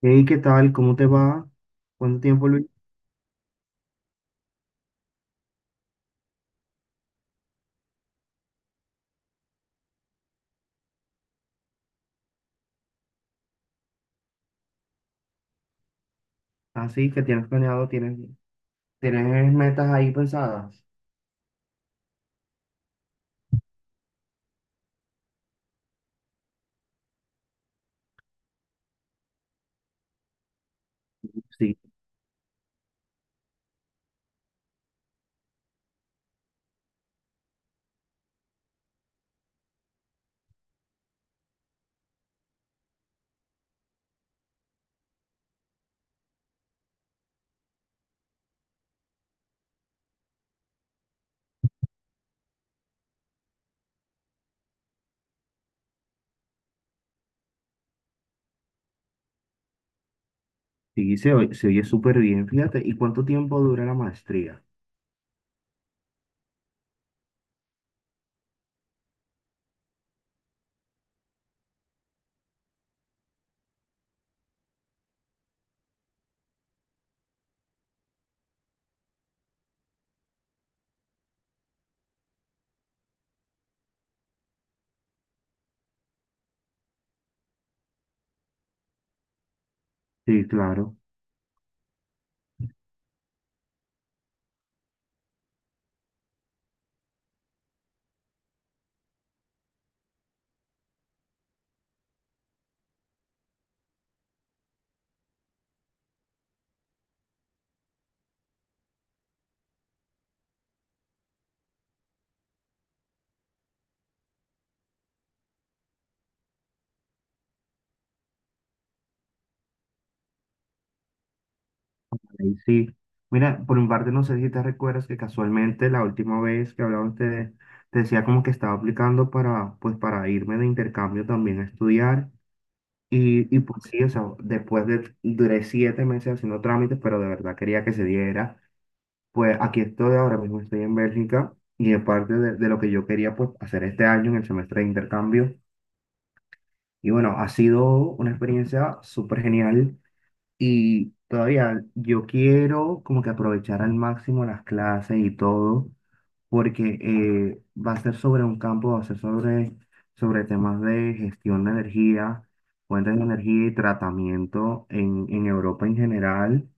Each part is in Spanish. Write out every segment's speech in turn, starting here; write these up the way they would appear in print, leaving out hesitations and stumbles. Hey, ¿qué tal? ¿Cómo te va? ¿Cuánto tiempo, Luis? Así que tienes planeado, tienes metas ahí pensadas. Sí, sí, se oye súper bien, fíjate. ¿Y cuánto tiempo dura la maestría? Sí, claro. Ahí sí. Mira, por mi parte, no sé si te recuerdas que casualmente la última vez que hablamos te decía como que estaba aplicando para, pues, para irme de intercambio también a estudiar. Y pues sí, o sea, después de, duré 7 meses haciendo trámites, pero de verdad quería que se diera. Pues aquí estoy ahora mismo, estoy en Bélgica y es parte de lo que yo quería pues, hacer este año en el semestre de intercambio. Y bueno, ha sido una experiencia súper genial y todavía yo quiero como que aprovechar al máximo las clases y todo, porque va a ser sobre un campo, va a ser sobre temas de gestión de energía, fuentes de energía y tratamiento en Europa en general.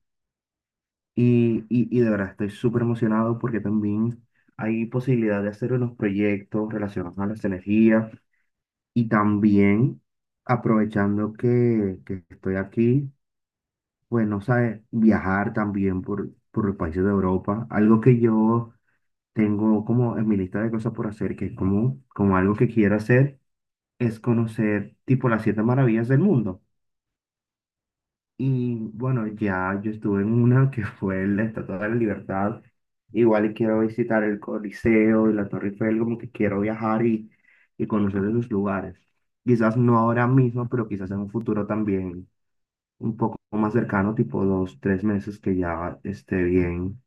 Y de verdad estoy súper emocionado porque también hay posibilidad de hacer unos proyectos relacionados a las energías y también aprovechando que estoy aquí, pues no sabes, viajar también por los países de Europa, algo que yo tengo como en mi lista de cosas por hacer, que es como algo que quiero hacer, es conocer tipo las siete maravillas del mundo. Y bueno, ya yo estuve en una que fue la Estatua de la Libertad. Igual y quiero visitar el Coliseo y la Torre Eiffel, como que quiero viajar y conocer esos lugares. Quizás no ahora mismo, pero quizás en un futuro también un poco más cercano, tipo dos, tres meses que ya esté bien,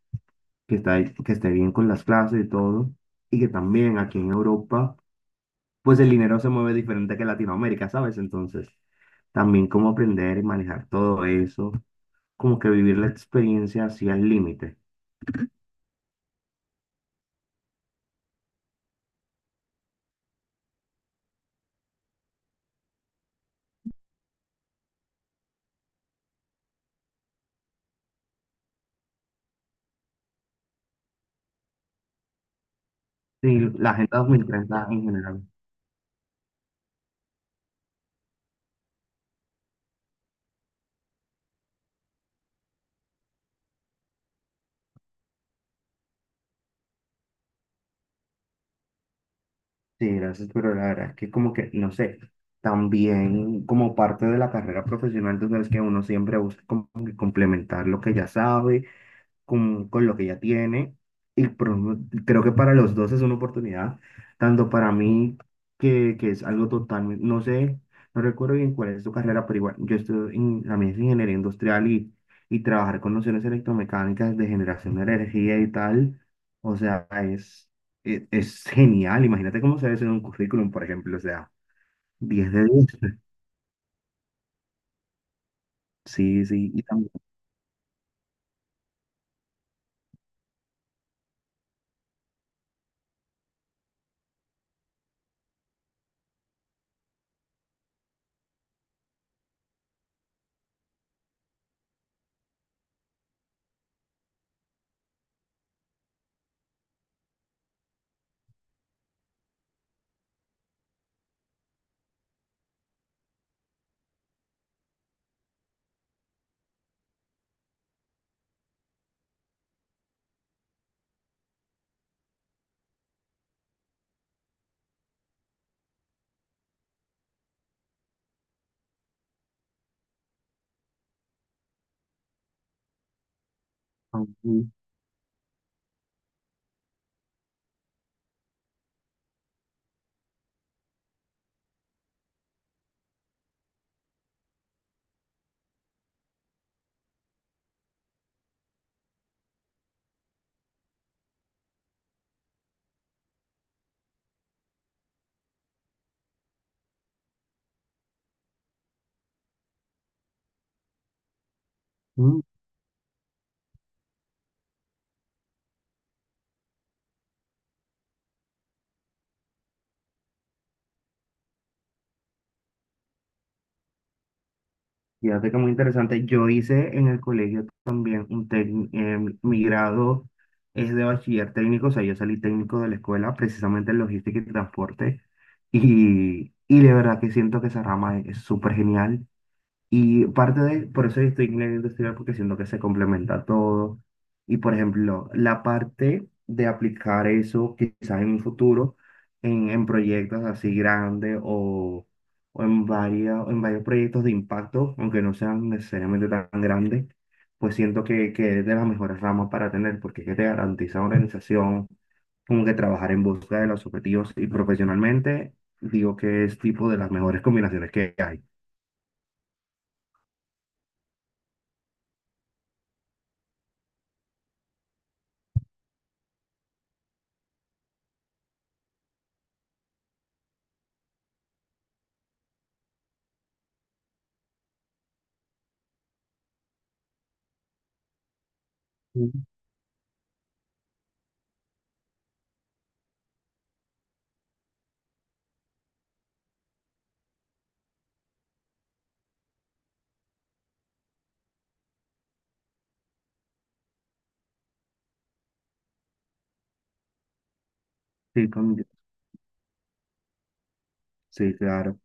que esté bien con las clases y todo. Y que también aquí en Europa, pues el dinero se mueve diferente que en Latinoamérica, ¿sabes? Entonces, también cómo aprender y manejar todo eso como que vivir la experiencia así al límite. Sí, la Agenda 2030 en general. Sí, gracias, pero la verdad es que como que, no sé, también como parte de la carrera profesional, tú sabes que uno siempre busca como que complementar lo que ya sabe con lo que ya tiene. Y pro- Creo que para los dos es una oportunidad, tanto para mí, que es algo totalmente, no sé, no recuerdo bien cuál es tu carrera, pero igual yo estoy en la mía ingeniería industrial y trabajar con nociones electromecánicas de generación de energía y tal, o sea, es genial. Imagínate cómo se ve eso en un currículum, por ejemplo, o sea, 10 de 10. Sí, sí, y también. Fíjate que muy interesante. Yo hice en el colegio también un técnico, mi grado es de bachiller técnico, o sea, yo salí técnico de la escuela precisamente en logística y transporte. Y de verdad que siento que esa rama es súper genial. Y parte de, por eso yo estoy en ingeniería industrial, porque siento que se complementa todo. Y por ejemplo, la parte de aplicar eso quizás en un futuro, en proyectos así grandes o, en varios proyectos de impacto, aunque no sean necesariamente tan grandes, pues siento que es de las mejores ramas para tener, porque es que te garantiza organización, como que trabajar en busca de los objetivos y profesionalmente, digo que es tipo de las mejores combinaciones que hay. Mm. Sí, Sí, claro.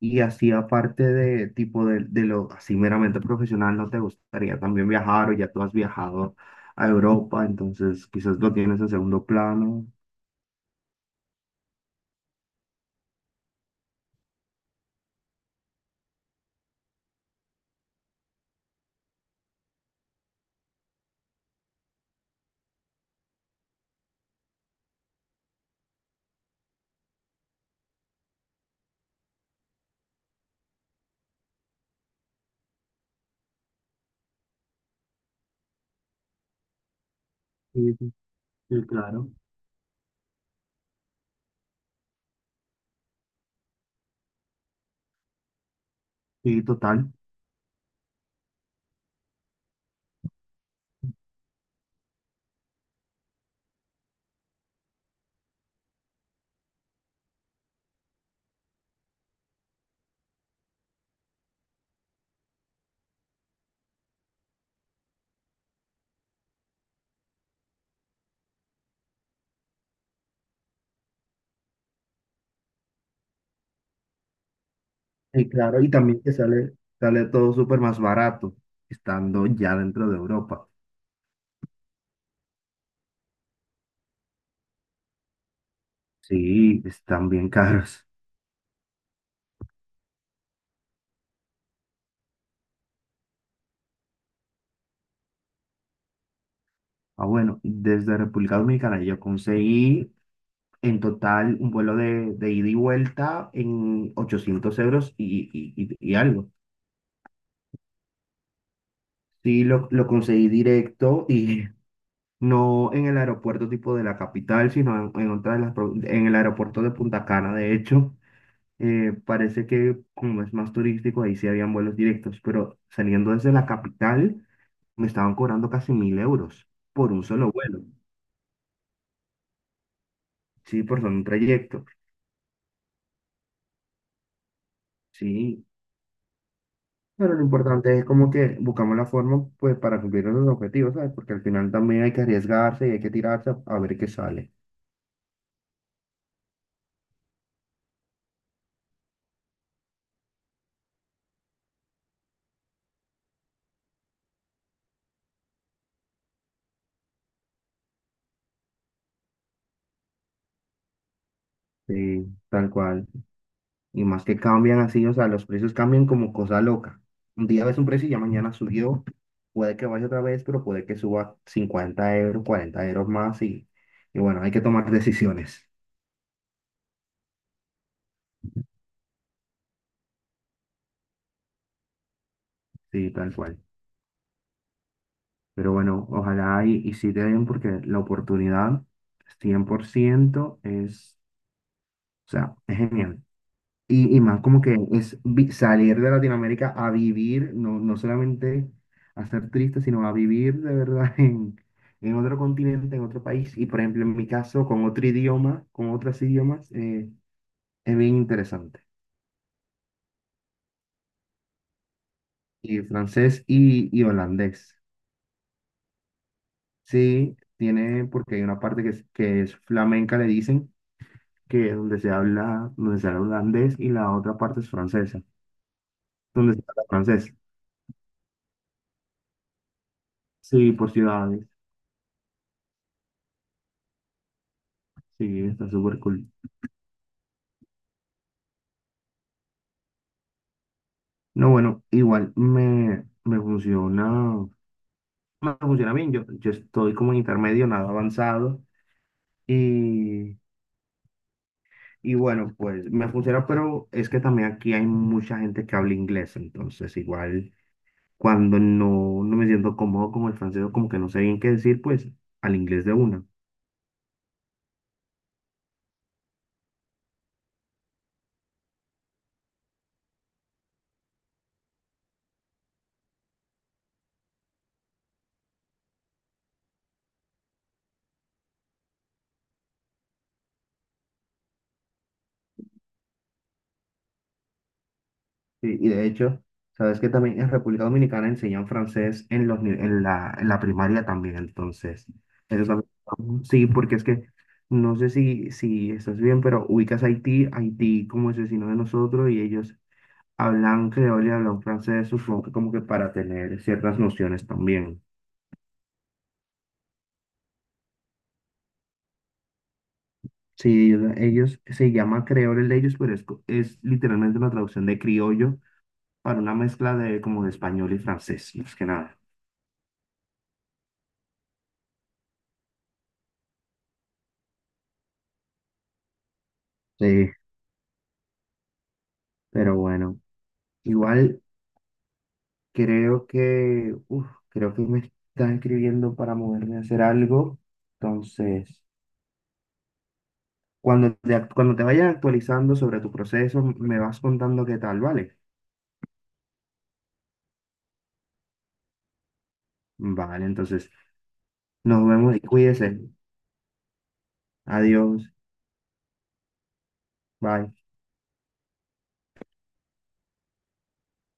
Y así aparte de tipo de lo así meramente profesional, ¿no te gustaría también viajar o ya tú has viajado a Europa? Entonces quizás lo tienes en segundo plano. Sí, sí, sí, claro. Sí, total. Sí, claro. Y también que sale, sale todo súper más barato estando ya dentro de Europa. Sí, están bien caros. Ah, bueno, desde República Dominicana yo conseguí. En total, un vuelo de ida y vuelta en 800 euros y algo. Sí, lo conseguí directo y no en el aeropuerto tipo de la capital, sino en otra de las, en el aeropuerto de Punta Cana, de hecho. Parece que como es más turístico, ahí sí habían vuelos directos, pero saliendo desde la capital me estaban cobrando casi 1000 euros por un solo vuelo, sí, por solo un trayecto. Sí, pero lo importante es como que buscamos la forma pues para cumplir esos objetivos, ¿sabes? Porque al final también hay que arriesgarse y hay que tirarse a ver qué sale. Sí, tal cual. Y más que cambian así, o sea, los precios cambian como cosa loca. Un día ves un precio y ya mañana subió. Puede que vaya otra vez, pero puede que suba 50 euros, 40 euros más y bueno, hay que tomar decisiones. Sí, tal cual. Pero bueno, ojalá y sí te den porque la oportunidad 100% es, o sea, es genial. Y más como que es salir de Latinoamérica a vivir, no, no solamente a ser triste, sino a vivir de verdad en otro continente, en otro país. Y por ejemplo, en mi caso, con otro idioma, con otros idiomas, es bien interesante. Y francés y holandés. Sí, tiene, porque hay una parte que es flamenca, le dicen, que es donde se habla holandés y la otra parte es francesa, donde se habla francés. Sí, por ciudades. Sí, está súper cool. No, bueno, igual me funciona, me funciona bien. Yo estoy como en intermedio, nada avanzado. Y, y bueno, pues me funciona, pero es que también aquí hay mucha gente que habla inglés. Entonces, igual cuando no, no me siento cómodo con el francés, o como que no sé bien qué decir, pues al inglés de una. Sí, y de hecho, sabes que también en República Dominicana enseñan francés en los, ni- en la primaria también, entonces, eso también. Sí, porque es que no sé si estás bien, pero ubicas Haití, Haití como es vecino de nosotros y ellos hablan creol y hablan francés, supongo que como que para tener ciertas nociones también. Sí, se llama creol el de ellos, pero es literalmente una traducción de criollo para una mezcla de como de español y francés, más que nada. Sí, pero bueno. Igual creo que, uf, creo que me están escribiendo para moverme a hacer algo. Entonces, cuando te vayan actualizando sobre tu proceso, me vas contando qué tal, ¿vale? Vale, entonces, nos vemos y cuídese. Adiós. Bye.